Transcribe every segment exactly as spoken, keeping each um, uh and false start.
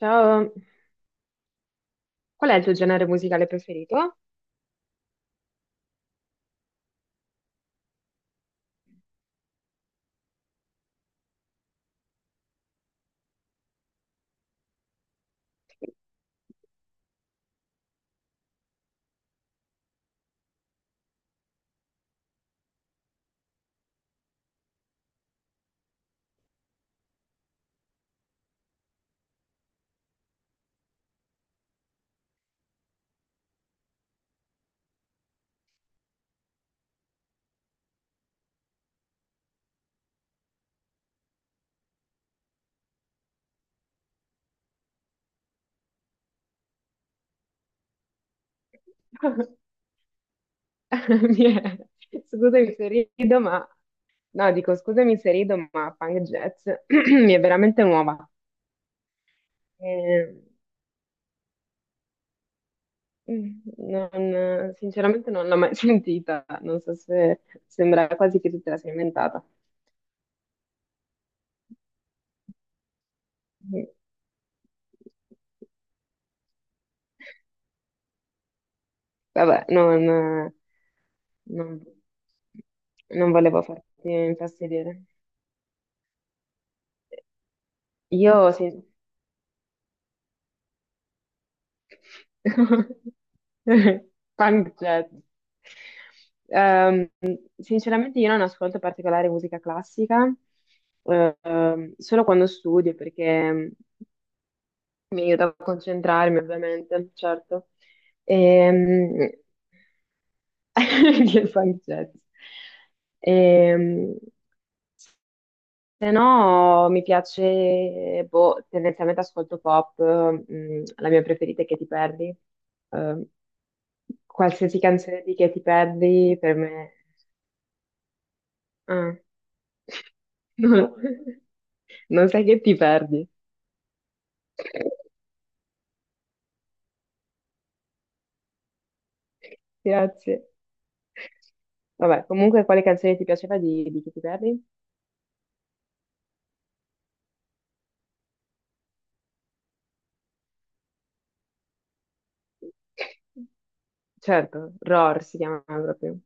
Ciao, qual è il tuo genere musicale preferito? Mi è- Scusami se rido, ma no, dico scusami se rido, ma punk jazz mi è veramente nuova. Ehm, Mm, non- sinceramente non l'ho mai sentita, non so se sembra quasi che tu te la sia inventata. Mm, Vabbè, non, non- non volevo farti infastidire. Io, sin- Pancetta. Ehm, Sinceramente io non ascolto particolare musica classica, ehm, solo quando studio, perché mi aiuta a concentrarmi, ovviamente, certo. Ehm, Gli funk jazz. Ehm, Se no, mi piace, boh, tendenzialmente ascolto pop, mm, la mia preferita è Che ti perdi. Ehm, Qualsiasi canzone di Che ti perdi, per me. Ah. No, non sai che ti perdi. Grazie. Vabbè, comunque, quale canzone ti piaceva di, di Che ti perdi? Certo, Roar si chiama proprio.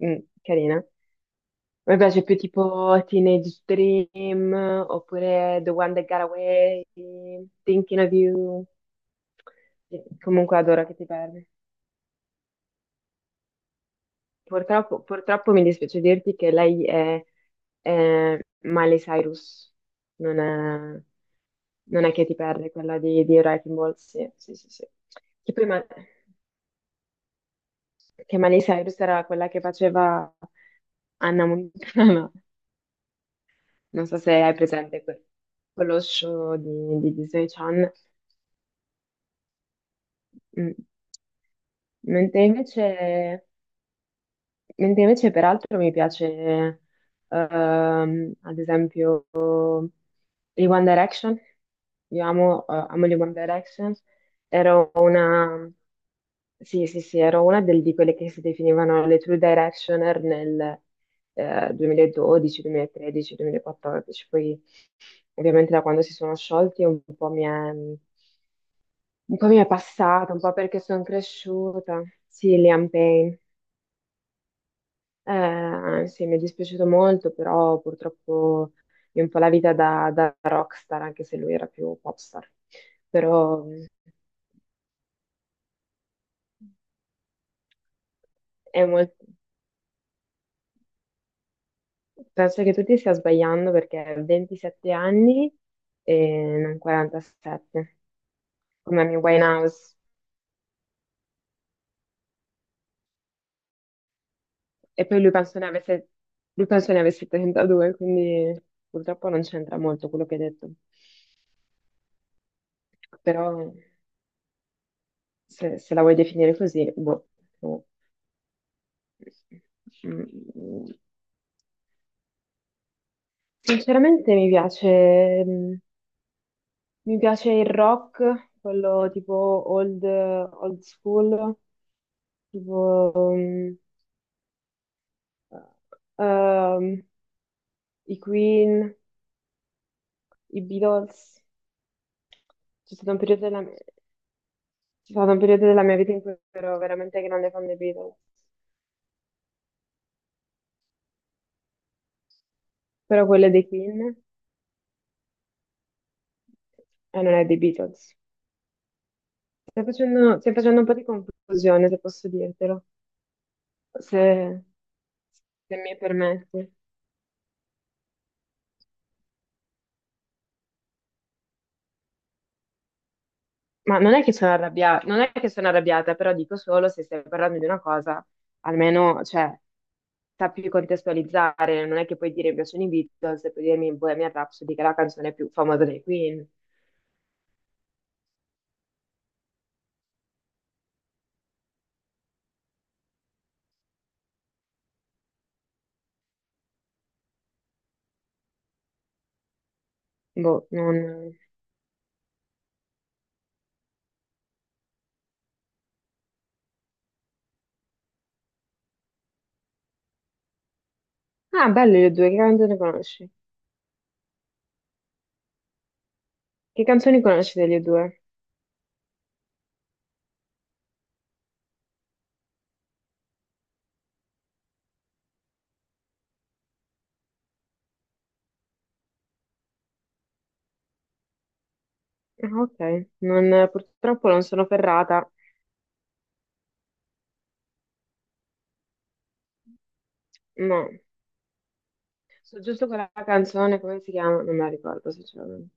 Mm, carina. Mi piace più tipo Teenage Dream oppure The One That Got Away, Thinking of You. Sì, comunque adoro che ti parli. Purtroppo, purtroppo mi dispiace dirti che lei è, è Miley Cyrus, non è, non è Katy Perry, quella di, di Wrecking Ball. Sì, sì, sì, sì. Che poi, ma- che Miley Cyrus era quella che faceva Anna Montana. Non so se hai presente que- quello show di, di Disney Channel. Mm. Mentre invece Mentre invece peraltro mi piace, ehm, ad esempio, i One Direction. Io amo, eh, amo gli One Direction. Ero una, sì, sì, sì, ero una del- di quelle che si definivano le True Directioner nel, eh, duemiladodici, duemilatredici, duemilaquattordici. Poi ovviamente da quando si sono sciolti un po' mi è, un po' mi è passata, un po' perché sono cresciuta. Sì, Liam Payne. Eh, sì, mi è dispiaciuto molto, però purtroppo è un po' la vita da, da rockstar, anche se lui era più popstar. Però mh, è molto. Penso che tu ti stia sbagliando perché ha ventisette anni e non quarantasette, come Amy Winehouse. E poi lui penso ne avesse, lui penso ne avesse trentadue, quindi purtroppo non c'entra molto quello che hai detto. Però se, se la vuoi definire così, boh, no. Mm, Sinceramente mi piace, mm, mi piace il rock, quello tipo old, old school, tipo mm, ehm, i Queen, i Beatles. C'è stato un periodo della, c'è stato un periodo della mia vita in cui ero veramente grande fan dei Beatles, però quello è dei Queen e non è dei Beatles. Stai facendo, stai facendo un po' di confusione, se posso dirtelo. Se... se mi permetti. Ma non è che sono arrabbiata, non è che sono arrabbiata, però dico solo se stai parlando di una cosa, almeno, cioè, sappi contestualizzare, non è che puoi dire mi piacciono i Beatles e puoi dirmi Bohemian Rhapsody, che è la canzone più famosa dei Queen. Boh, non. Ah, belle le due, che canzoni conosci? Che canzoni conosci delle due? Ah, ok, non, purtroppo non sono ferrata, no. So giusto quella canzone, come si chiama? Non me la ricordo, sinceramente.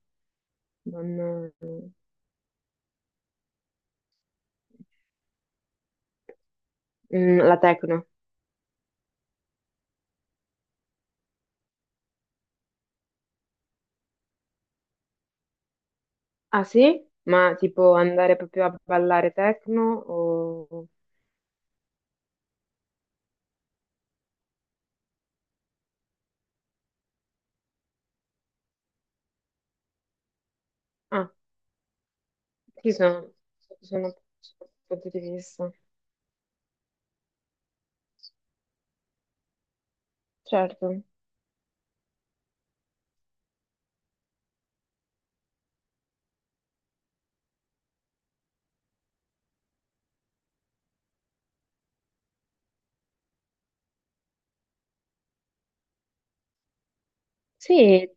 Non. Mm, la Tecno. Ah sì? Ma tipo andare proprio a ballare techno o. Ah, sì, sono, sono sono punti di vista. Certo. Sì,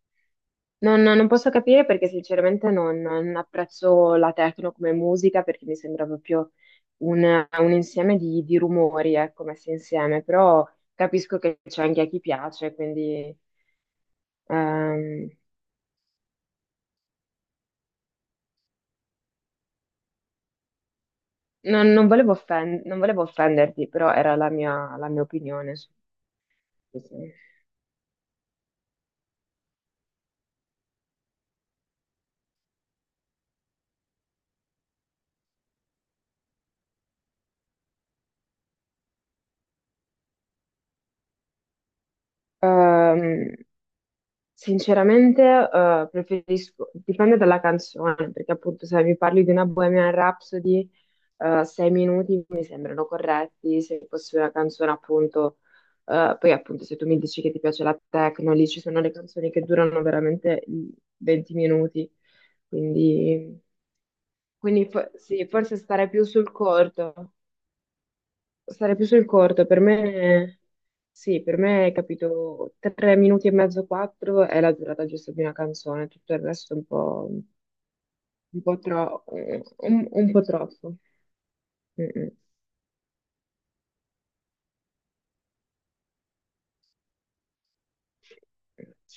non, non posso capire perché sinceramente non, non apprezzo la techno come musica perché mi sembra proprio un, un insieme di, di rumori, ecco, messi insieme, però capisco che c'è anche a chi piace, quindi ehm, non, non volevo offen- non volevo offenderti, però era la mia, la mia opinione. Su- sì, sì. Ehm, Sinceramente, eh, preferisco, dipende dalla canzone, perché appunto se mi parli di una Bohemian Rhapsody, eh, sei minuti mi sembrano corretti, se fosse una canzone appunto, eh, poi appunto se tu mi dici che ti piace la techno, lì ci sono le canzoni che durano veramente i venti minuti, quindi, quindi fo- sì, forse stare più sul corto. Sarei più sul corto, per me sì, per me capito, tre minuti e mezzo, quattro è la durata giusta di una canzone, tutto il resto è un po', un po', tro- un, un po' troppo. Mm, mm.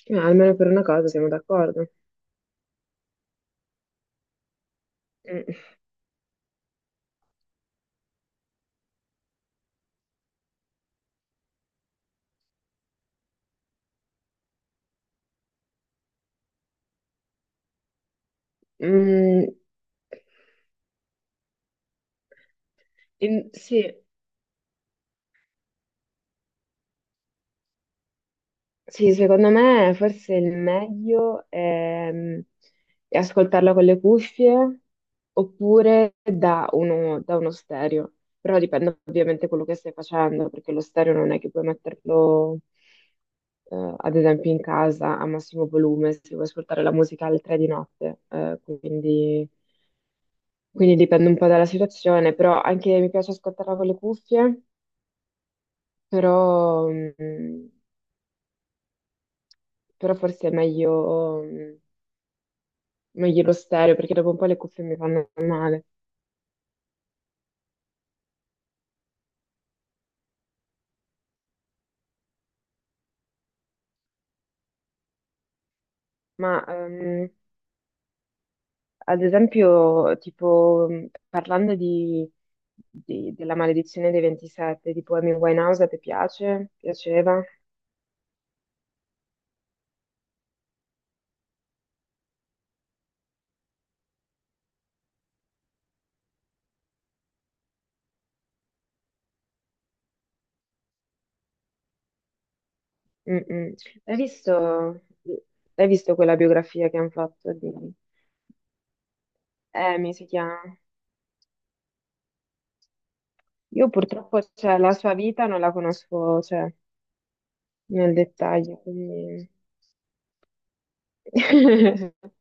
Eh, almeno per una cosa siamo d'accordo. Mm, mm. In- sì, sì, secondo me forse il meglio è, mm, è ascoltarla con le cuffie oppure da uno, da uno stereo. Però dipende ovviamente quello che stai facendo, perché lo stereo non è che puoi metterlo, eh, ad esempio, in casa a massimo volume se vuoi ascoltare la musica alle tre di notte. Eh, quindi, quindi dipende un po' dalla situazione, però anche mi piace ascoltarla con le cuffie, però, mm, però forse è meglio. Mm, meglio lo stereo perché dopo un po' le cuffie mi fanno male. Ma ehm, ad esempio, tipo, mh, parlando di, di- della maledizione dei ventisette, tipo Amy Winehouse, ti piace? Piaceva? Mm-mm. Hai visto, hai visto quella biografia che hanno fatto di Amy, si chiama? Io purtroppo, cioè, la sua vita non la conosco, cioè, nel dettaglio, quindi.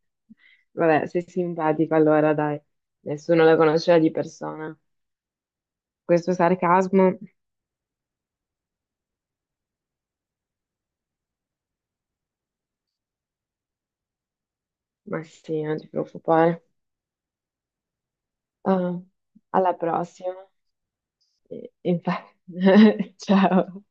Vabbè, sei simpatico allora, dai. Nessuno la conosceva di persona. Questo sarcasmo, ma sì, non ti preoccupare. Ah, alla prossima. E- Infatti, ciao.